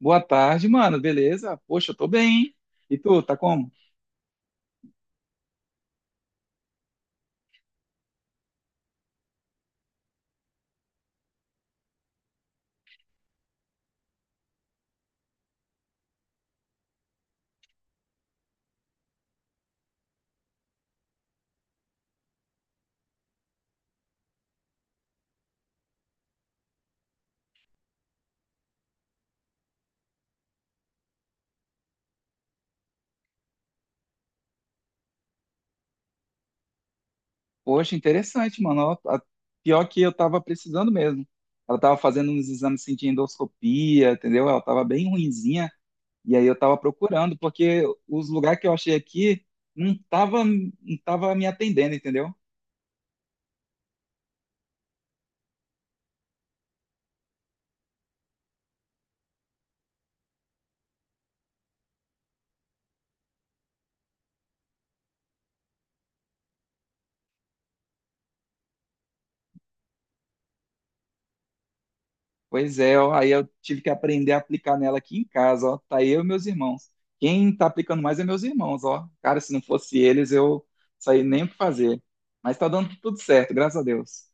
Boa tarde, mano. Beleza? Poxa, eu tô bem, hein? E tu, tá como? Poxa, interessante, mano. Pior que eu tava precisando mesmo. Ela tava fazendo uns exames assim, de endoscopia, entendeu? Ela tava bem ruinzinha. E aí eu tava procurando, porque os lugares que eu achei aqui não tava me atendendo, entendeu? Pois é, ó, aí eu tive que aprender a aplicar nela aqui em casa, ó. Tá eu e meus irmãos. Quem tá aplicando mais é meus irmãos, ó. Cara, se não fosse eles, eu saí nem o que fazer. Mas tá dando tudo certo, graças a Deus.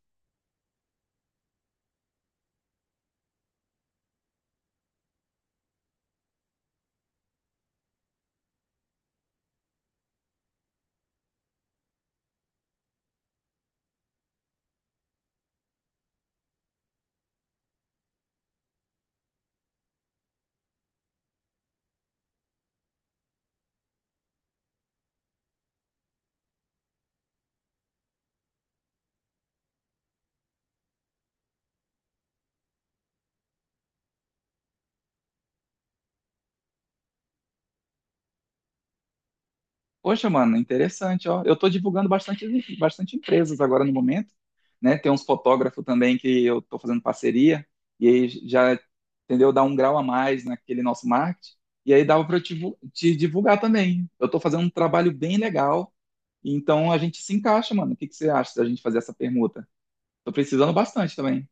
Poxa, mano, interessante, ó. Eu tô divulgando bastante, bastante empresas agora no momento, né? Tem uns fotógrafos também que eu tô fazendo parceria, e aí já, entendeu? Dá um grau a mais naquele nosso marketing, e aí dava pra eu te divulgar também. Eu tô fazendo um trabalho bem legal. Então a gente se encaixa, mano. O que que você acha da gente fazer essa permuta? Tô precisando bastante também.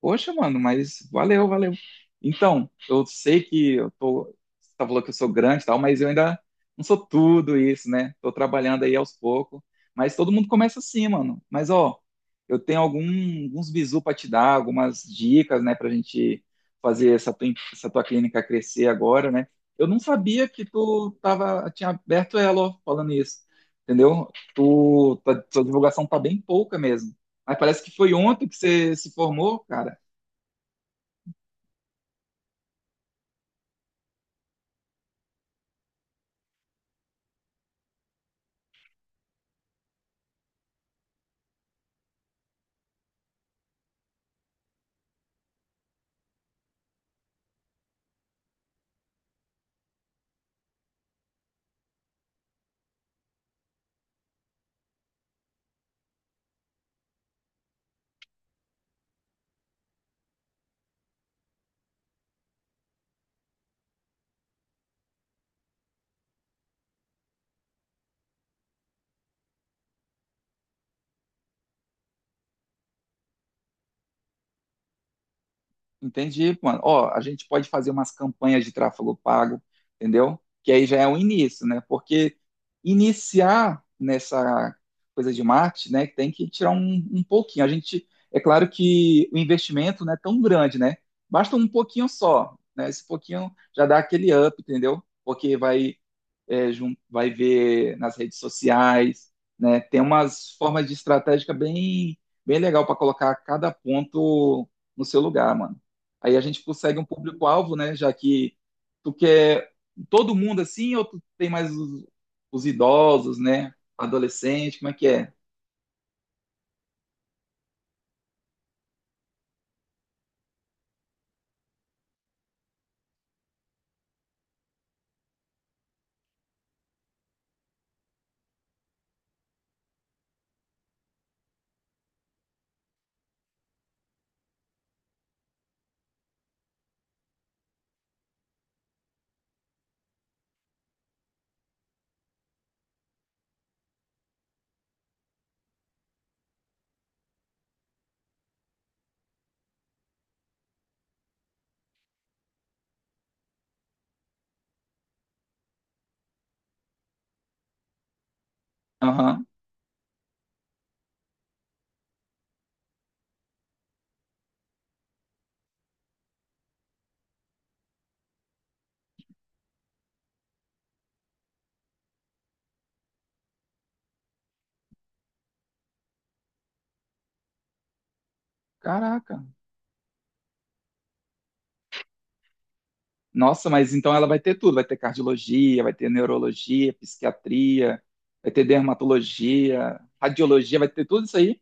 Poxa, mano, mas valeu, valeu. Então, eu sei que eu tô. Você tá falando que eu sou grande e tal, mas eu ainda não sou tudo isso, né? Tô trabalhando aí aos poucos. Mas todo mundo começa assim, mano. Mas, ó, eu tenho alguns bizu pra te dar, algumas dicas, né, pra gente fazer essa tua clínica crescer agora, né? Eu não sabia que tinha aberto ela, ó, falando isso. Entendeu? Tua divulgação tá bem pouca mesmo. Mas parece que foi ontem que você se formou, cara. Entendi, mano. Ó, a gente pode fazer umas campanhas de tráfego pago, entendeu? Que aí já é um início, né? Porque iniciar nessa coisa de marketing, né, tem que tirar um pouquinho. A gente, é claro que o investimento não é tão grande, né? Basta um pouquinho só, né? Esse pouquinho já dá aquele up, entendeu? Porque vai ver nas redes sociais, né? Tem umas formas de estratégica bem, bem legal para colocar cada ponto no seu lugar, mano. Aí a gente consegue um público-alvo, né? Já que tu quer todo mundo assim, ou tu tem mais os idosos, né? Adolescente, como é que é? Aham. Caraca. Nossa, mas então ela vai ter tudo, vai ter cardiologia, vai ter neurologia, psiquiatria, vai ter dermatologia, radiologia, vai ter tudo isso aí?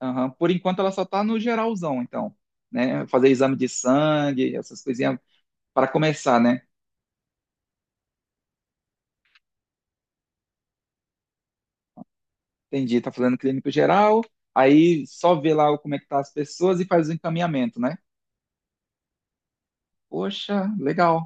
Aham. Por enquanto ela só está no geralzão, então, né? Fazer exame de sangue, essas coisinhas para começar, né? Entendi, tá fazendo clínico geral, aí só vê lá como é que tá as pessoas e faz o encaminhamento, né? Poxa, legal.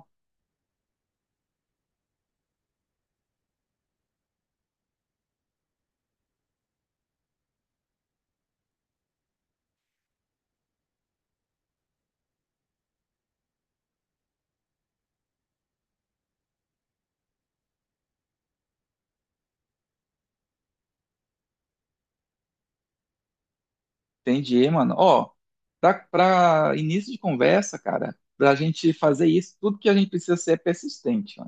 Entendi, mano. Ó, pra início de conversa, cara, pra gente fazer isso, tudo que a gente precisa ser é persistente,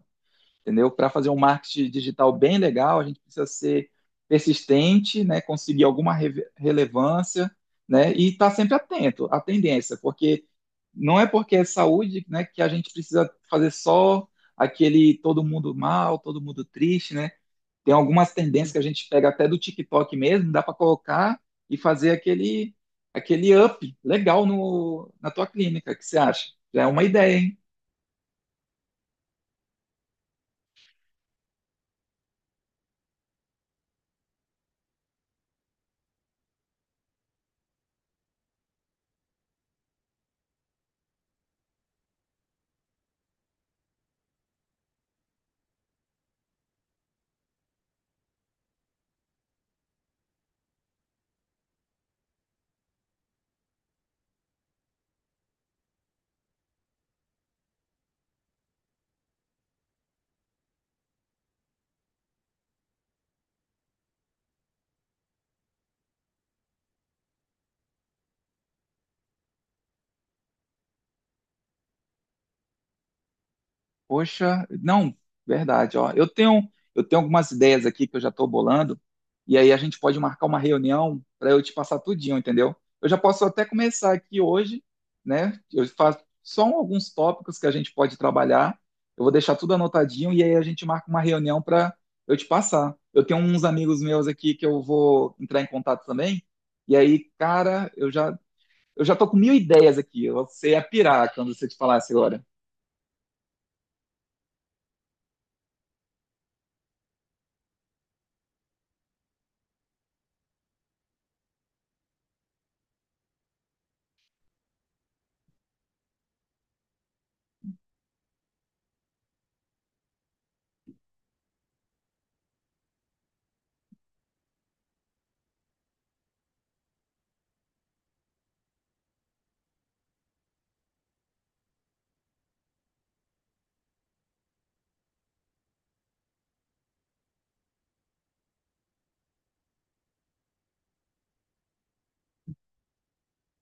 entendeu? Para fazer um marketing digital bem legal, a gente precisa ser persistente, né? Conseguir alguma relevância, né? E estar tá sempre atento à tendência, porque não é porque é saúde, né, que a gente precisa fazer só aquele todo mundo mal, todo mundo triste, né? Tem algumas tendências que a gente pega até do TikTok mesmo, dá para colocar e fazer aquele up legal no, na tua clínica. O que você acha? Já é uma ideia, hein? Poxa, não, verdade, ó. Eu tenho algumas ideias aqui que eu já estou bolando, e aí a gente pode marcar uma reunião para eu te passar tudinho, entendeu? Eu já posso até começar aqui hoje, né? Eu faço só alguns tópicos que a gente pode trabalhar. Eu vou deixar tudo anotadinho e aí a gente marca uma reunião para eu te passar. Eu tenho uns amigos meus aqui que eu vou entrar em contato também. E aí, cara, eu já tô com mil ideias aqui. Você ia pirar quando você te falasse agora.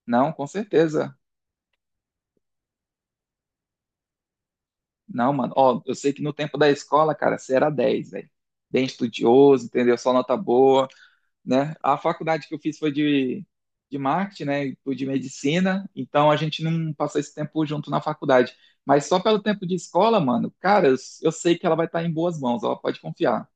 Não, com certeza. Não, mano. Ó, eu sei que no tempo da escola, cara, você era 10, velho. Bem estudioso, entendeu? Só nota boa, né? A faculdade que eu fiz foi de marketing, né? E foi de medicina. Então a gente não passou esse tempo junto na faculdade. Mas só pelo tempo de escola, mano, cara, eu sei que ela vai estar em boas mãos, ó, pode confiar.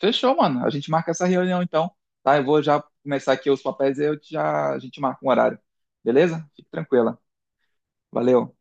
Fechou, mano. A gente marca essa reunião então, tá? Eu vou já começar aqui os papéis e a gente marca um horário. Beleza? Fique tranquila. Valeu.